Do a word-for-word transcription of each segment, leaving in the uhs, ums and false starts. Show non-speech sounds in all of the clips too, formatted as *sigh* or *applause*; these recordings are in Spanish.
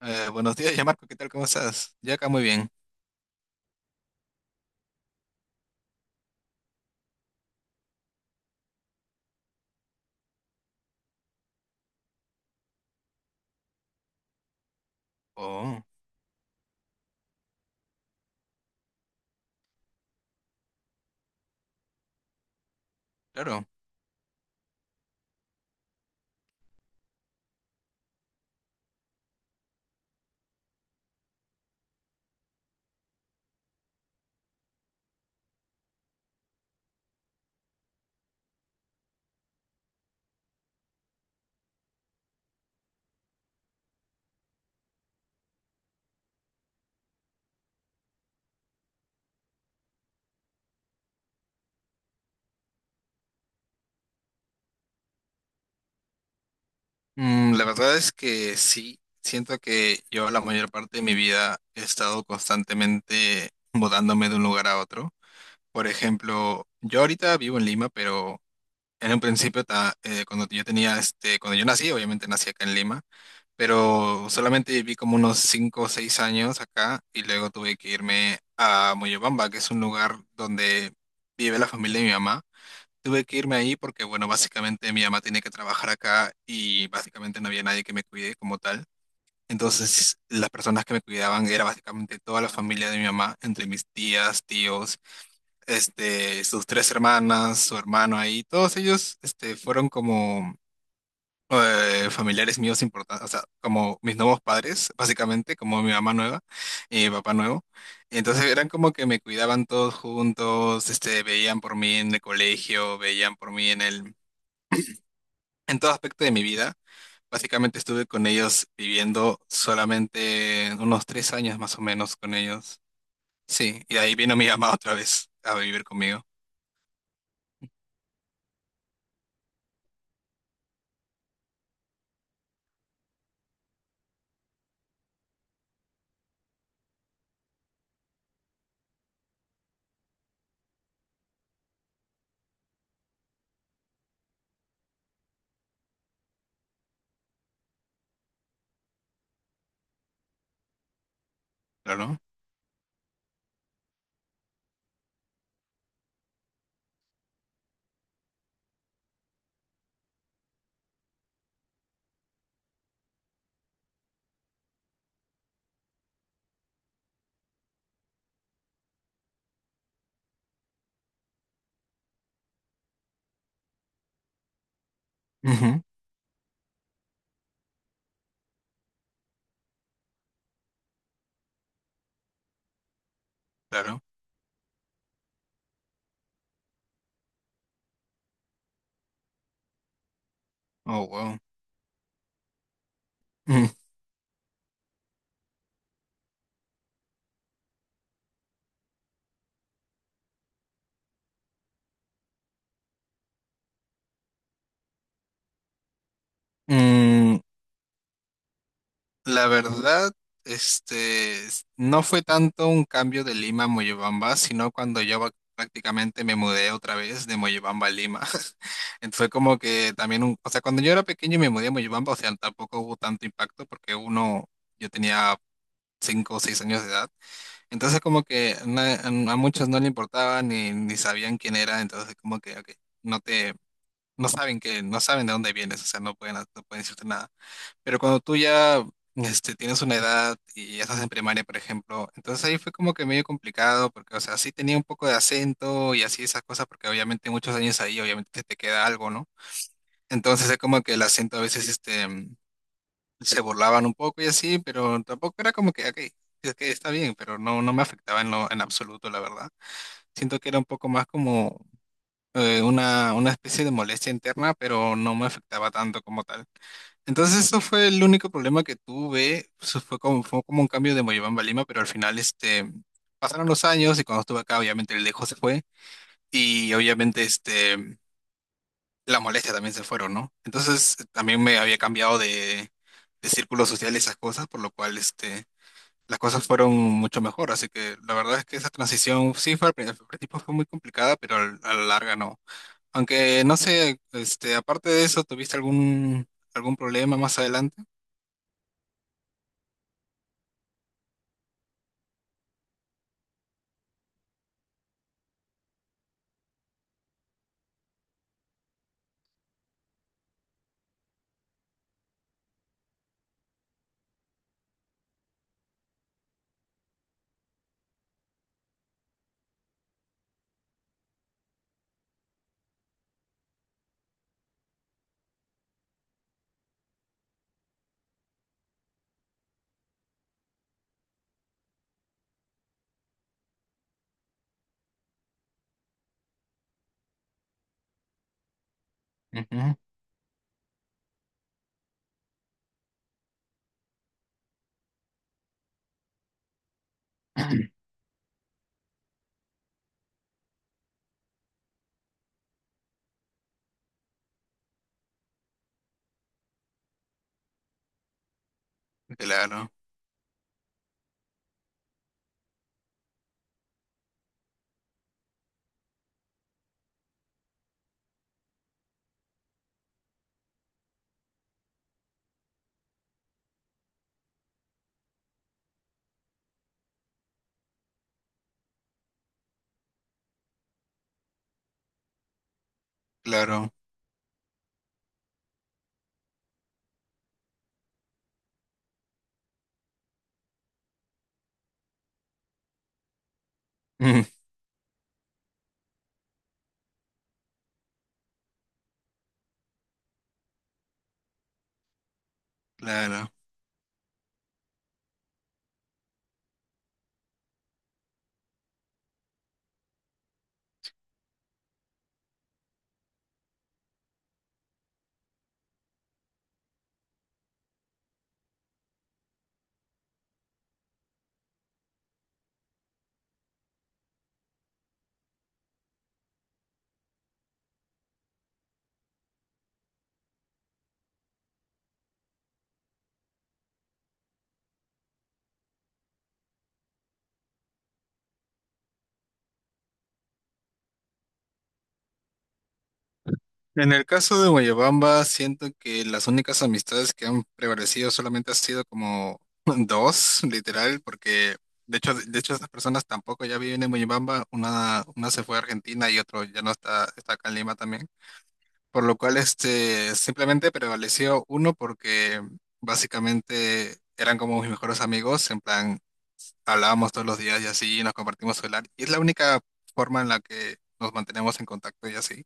Eh, buenos días, ya Marco, ¿qué tal? ¿Cómo estás? Ya acá muy bien. Oh, claro. Mm, la verdad es que sí, siento que yo la mayor parte de mi vida he estado constantemente mudándome de un lugar a otro. Por ejemplo, yo ahorita vivo en Lima, pero en un principio, ta- eh, cuando yo tenía, este, cuando yo nací, obviamente nací acá en Lima, pero solamente viví como unos cinco o seis años acá y luego tuve que irme a Moyobamba, que es un lugar donde vive la familia de mi mamá. Tuve que irme ahí porque, bueno, básicamente mi mamá tenía que trabajar acá y básicamente no había nadie que me cuide como tal. Entonces, las personas que me cuidaban era básicamente toda la familia de mi mamá, entre mis tías, tíos, este, sus tres hermanas, su hermano ahí, todos ellos, este, fueron como eh, familiares míos importantes, o sea, como mis nuevos padres, básicamente, como mi mamá nueva y mi papá nuevo. Entonces eran como que me cuidaban todos juntos, este, veían por mí en el colegio, veían por mí en el en todo aspecto de mi vida. Básicamente estuve con ellos viviendo solamente unos tres años más o menos con ellos. Sí, y de ahí vino mi mamá otra vez a vivir conmigo. Claro. Ujú. Claro. Oh, wow. Mm. Mm, La verdad, este, s- no fue tanto un cambio de Lima a Moyobamba, sino cuando yo va- prácticamente me mudé otra vez de Moyobamba a Lima. *laughs* Entonces fue como que también, un- o sea, cuando yo era pequeño y me mudé a Moyobamba, o sea, tampoco hubo tanto impacto porque uno, yo tenía cinco o seis años de edad. Entonces como que na- a muchos no le importaba ni, ni sabían quién era, entonces como que ok, no te, no saben que, no saben de dónde vienes, o sea, no pueden, no pueden decirte nada. Pero cuando tú ya este, tienes una edad y ya estás en primaria, por ejemplo, entonces ahí fue como que medio complicado, porque, o sea, sí tenía un poco de acento y así esas cosas, porque obviamente muchos años ahí, obviamente se te queda algo, ¿no? Entonces es como que el acento a veces este, mm, se burlaban un poco y así, pero tampoco era como que, ok, es que está bien, pero no, no me afectaba en lo, en absoluto, la verdad. Siento que era un poco más como eh, una, una especie de molestia interna, pero no me afectaba tanto como tal. Entonces, eso fue el único problema que tuve. Eso fue como, fue como un cambio de Moyobamba a Lima, pero al final este, pasaron los años y cuando estuve acá, obviamente el dejo se fue y obviamente este, las molestias también se fueron, ¿no? Entonces, también me había cambiado de, de círculo social y esas cosas, por lo cual este, las cosas fueron mucho mejor. Así que la verdad es que esa transición, sí, fue al prin- al principio fue muy complicada, pero al- a la larga no. Aunque no sé, este, aparte de eso, ¿tuviste algún, algún problema más adelante? Ujú. *clears throat* Claro, claro, *laughs* mm, claro. En el caso de Guayabamba, siento que las únicas amistades que han prevalecido solamente han sido como *laughs* dos, literal, porque de hecho, de hecho esas personas tampoco ya viven en Guayabamba, una, una se fue a Argentina y otro ya no está, está acá en Lima también, por lo cual este simplemente prevaleció uno porque básicamente eran como mis mejores amigos, en plan hablábamos todos los días y así, nos compartimos celular, y es la única forma en la que nos mantenemos en contacto y así.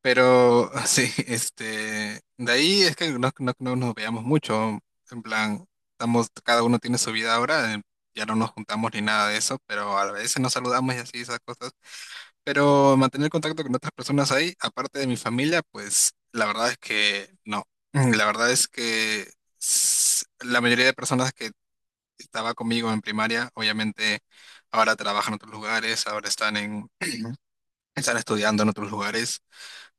Pero *laughs* sí, este, de ahí es que no, no- no nos veíamos mucho, en plan, estamos, cada uno tiene su vida ahora, eh, ya no nos juntamos ni nada de eso, pero a veces nos saludamos y así, esas cosas. Pero mantener contacto con otras personas ahí, aparte de mi familia, pues la verdad es que no. Mm, La verdad es que s- la mayoría de personas que estaba conmigo en primaria, obviamente ahora trabajan en otros lugares, ahora están en, están estudiando en otros lugares,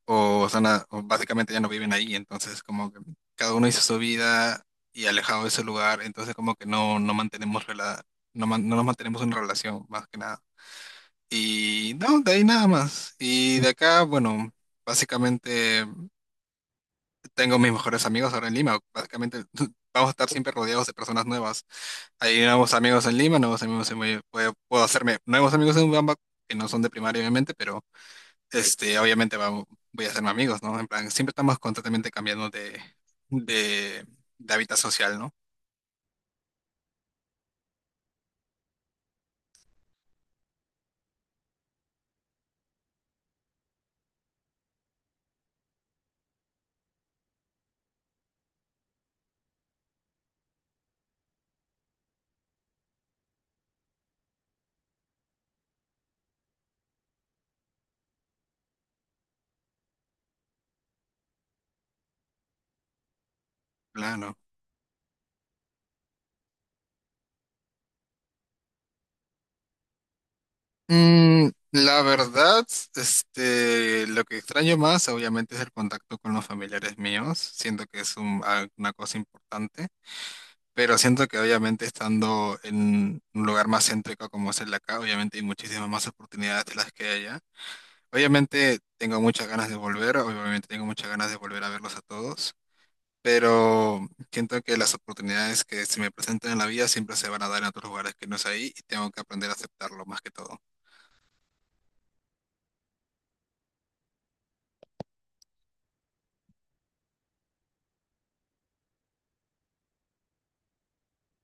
o, están a- o básicamente ya no viven ahí, entonces como que cada uno hizo su vida y alejado de ese lugar, entonces como que no, no mantenemos rela- no, man- no nos mantenemos en relación más que nada. Y no, de ahí nada más. Y de acá, bueno, básicamente tengo mis mejores amigos ahora en Lima. Básicamente *laughs* vamos a estar siempre rodeados de personas nuevas. Hay nuevos amigos en Lima, nuevos amigos en Mollendo. Puedo, puedo hacerme nuevos amigos en Bamba, que no son de primaria, obviamente, pero este, obviamente vamos- voy a hacerme amigos, ¿no? En plan, siempre estamos constantemente cambiando de, de, de hábitat social, ¿no? Claro. Mm, la verdad, este, lo que extraño más, obviamente, es el contacto con los familiares míos. Siento que es un- a- una cosa importante, pero siento que obviamente estando en un lugar más céntrico como es el de acá, obviamente hay muchísimas más oportunidades de las que hay allá. Obviamente tengo muchas ganas de volver, obviamente tengo muchas ganas de volver a verlos a todos, pero siento que las oportunidades que se me presentan en la vida siempre se van a dar en otros lugares que no es ahí y tengo que aprender a aceptarlo más que todo.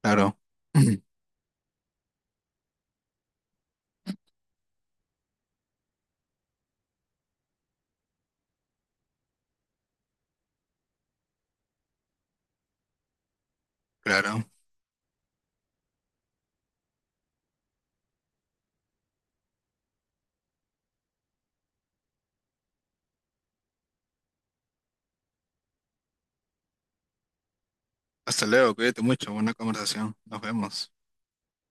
Claro. *clears throat* Claro. Hasta luego, cuídate mucho, buena conversación. Nos vemos.